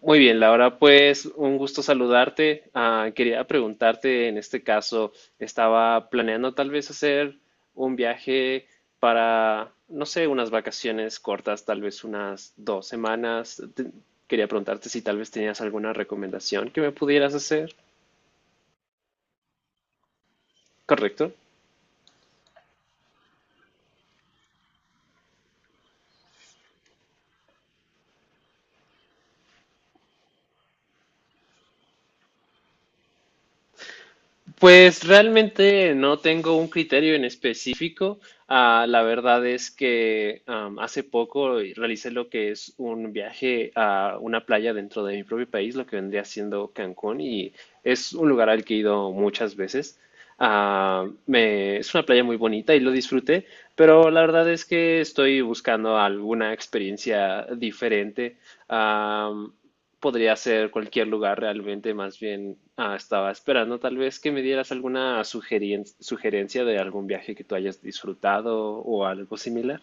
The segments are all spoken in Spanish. Muy bien, Laura, pues un gusto saludarte. Quería preguntarte, en este caso, estaba planeando tal vez hacer un viaje para, no sé, unas vacaciones cortas, tal vez unas dos semanas. Quería preguntarte si tal vez tenías alguna recomendación que me pudieras hacer, ¿correcto? Pues realmente no tengo un criterio en específico. La verdad es que hace poco realicé lo que es un viaje a una playa dentro de mi propio país, lo que vendría siendo Cancún, y es un lugar al que he ido muchas veces. Es una playa muy bonita y lo disfruté, pero la verdad es que estoy buscando alguna experiencia diferente. Podría ser cualquier lugar realmente, más bien estaba esperando tal vez que me dieras alguna sugerencia de algún viaje que tú hayas disfrutado o algo similar.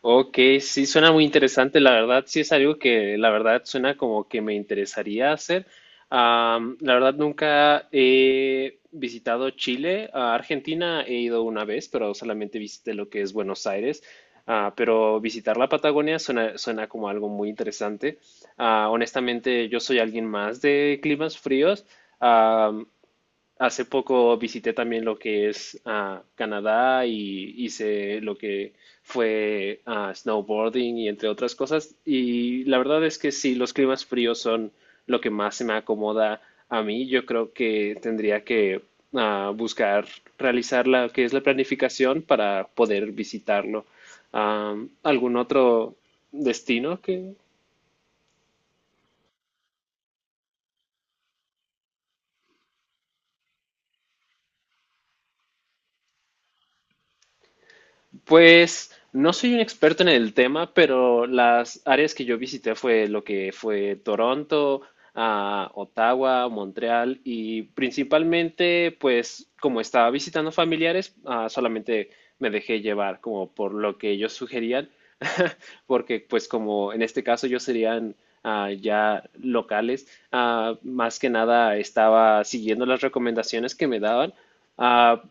Ok, sí, suena muy interesante, la verdad, sí es algo que la verdad suena como que me interesaría hacer. La verdad nunca he visitado Chile, a Argentina he ido una vez, pero solamente visité lo que es Buenos Aires. Pero visitar la Patagonia suena como algo muy interesante. Honestamente, yo soy alguien más de climas fríos. Hace poco visité también lo que es Canadá y hice lo que fue snowboarding y entre otras cosas. Y la verdad es que sí, los climas fríos son lo que más se me acomoda a mí. Yo creo que tendría que buscar realizar la que es la planificación para poder visitarlo. ¿Algún otro destino que? Pues no soy un experto en el tema, pero las áreas que yo visité fue lo que fue Toronto, Ottawa, Montreal y principalmente, pues como estaba visitando familiares, solamente me dejé llevar como por lo que ellos sugerían, porque pues como en este caso ellos serían ya locales, más que nada estaba siguiendo las recomendaciones que me daban. Ah,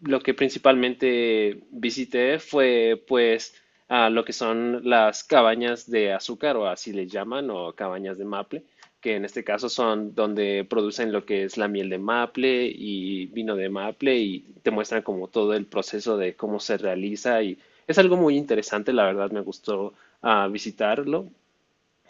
lo que principalmente visité fue pues a lo que son las cabañas de azúcar o así le llaman o cabañas de maple, que en este caso son donde producen lo que es la miel de maple y vino de maple y te muestran como todo el proceso de cómo se realiza, y es algo muy interesante, la verdad me gustó visitarlo.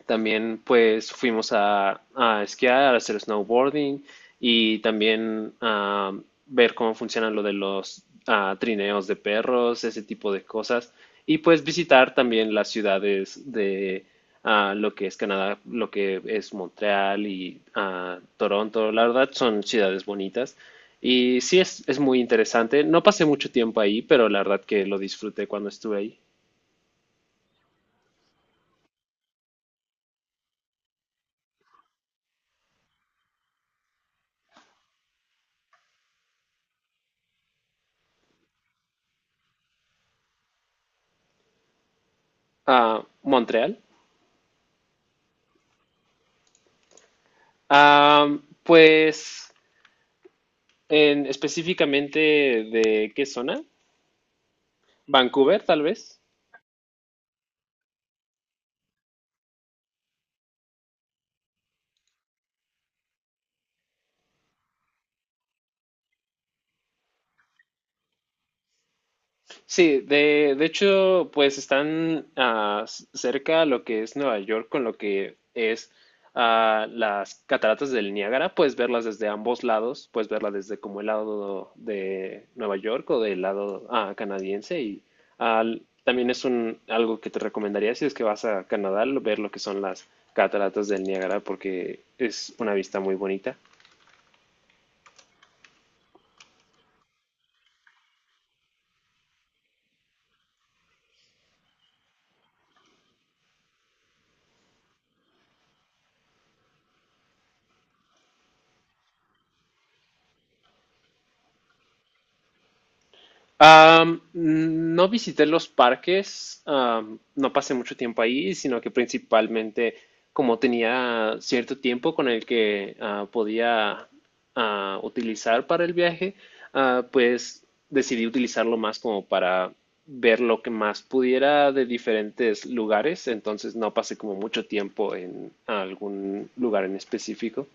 También pues fuimos a esquiar, a hacer snowboarding y también a ver cómo funcionan lo de los trineos de perros, ese tipo de cosas. Y pues visitar también las ciudades de lo que es Canadá, lo que es Montreal y Toronto. La verdad son ciudades bonitas. Y sí es muy interesante. No pasé mucho tiempo ahí, pero la verdad que lo disfruté cuando estuve ahí. Montreal. Ah, pues, ¿en, específicamente de qué zona? Vancouver, tal vez. Sí, de hecho, pues están cerca a lo que es Nueva York con lo que es las cataratas del Niágara. Puedes verlas desde ambos lados, puedes verlas desde como el lado de Nueva York o del lado canadiense. Y también es un, algo que te recomendaría si es que vas a Canadá, ver lo que son las cataratas del Niágara porque es una vista muy bonita. No visité los parques, no pasé mucho tiempo ahí, sino que principalmente como tenía cierto tiempo con el que podía utilizar para el viaje, pues decidí utilizarlo más como para ver lo que más pudiera de diferentes lugares, entonces no pasé como mucho tiempo en algún lugar en específico.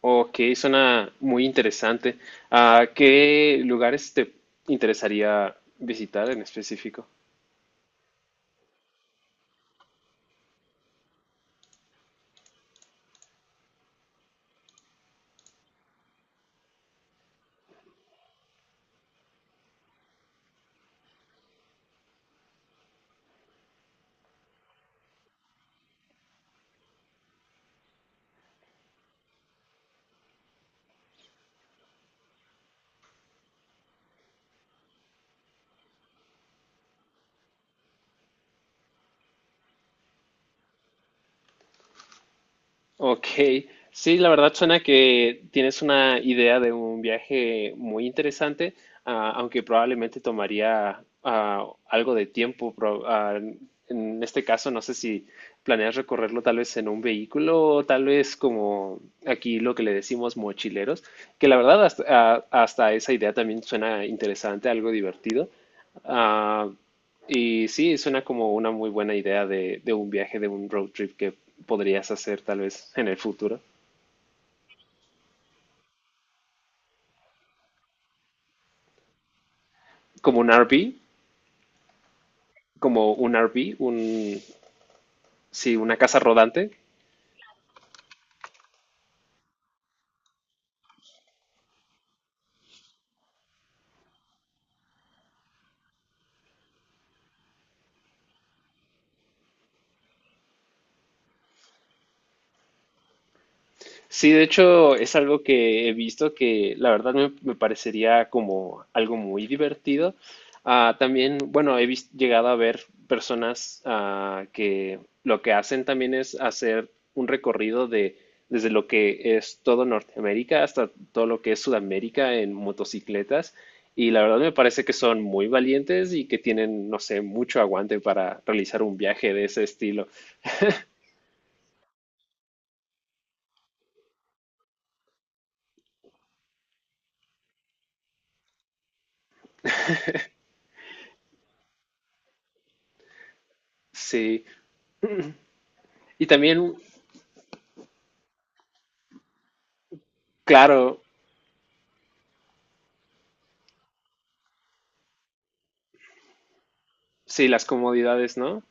Ok, suena muy interesante. ¿Qué lugares te interesaría visitar en específico? Ok, sí, la verdad suena que tienes una idea de un viaje muy interesante, aunque probablemente tomaría algo de tiempo. En este caso, no sé si planeas recorrerlo tal vez en un vehículo o tal vez como aquí lo que le decimos mochileros, que la verdad hasta esa idea también suena interesante, algo divertido. Ah, y sí, suena como una muy buena idea de un viaje, de un road trip que podrías hacer tal vez en el futuro. Como un RV, como un RV, un, sí, una casa rodante. Sí, de hecho es algo que he visto que la verdad me, me parecería como algo muy divertido. También, bueno, llegado a ver personas que lo que hacen también es hacer un recorrido de desde lo que es todo Norteamérica hasta todo lo que es Sudamérica en motocicletas. Y la verdad me parece que son muy valientes y que tienen, no sé, mucho aguante para realizar un viaje de ese estilo. Sí. Y también, claro. Sí, las comodidades, ¿no?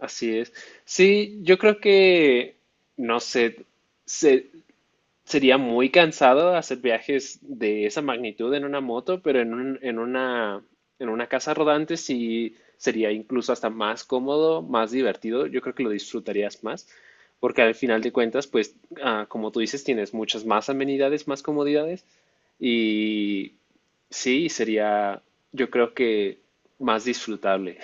Así es. Sí, yo creo que, no sé, se- sería muy cansado hacer viajes de esa magnitud en una moto, pero en una casa rodante sí sería incluso hasta más cómodo, más divertido. Yo creo que lo disfrutarías más, porque al final de cuentas, pues, como tú dices, tienes muchas más amenidades, más comodidades, y sí, sería, yo creo que más disfrutable.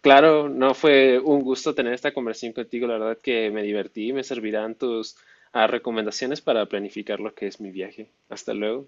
Claro, no fue un gusto tener esta conversación contigo. La verdad que me divertí y me servirán tus recomendaciones para planificar lo que es mi viaje. Hasta luego.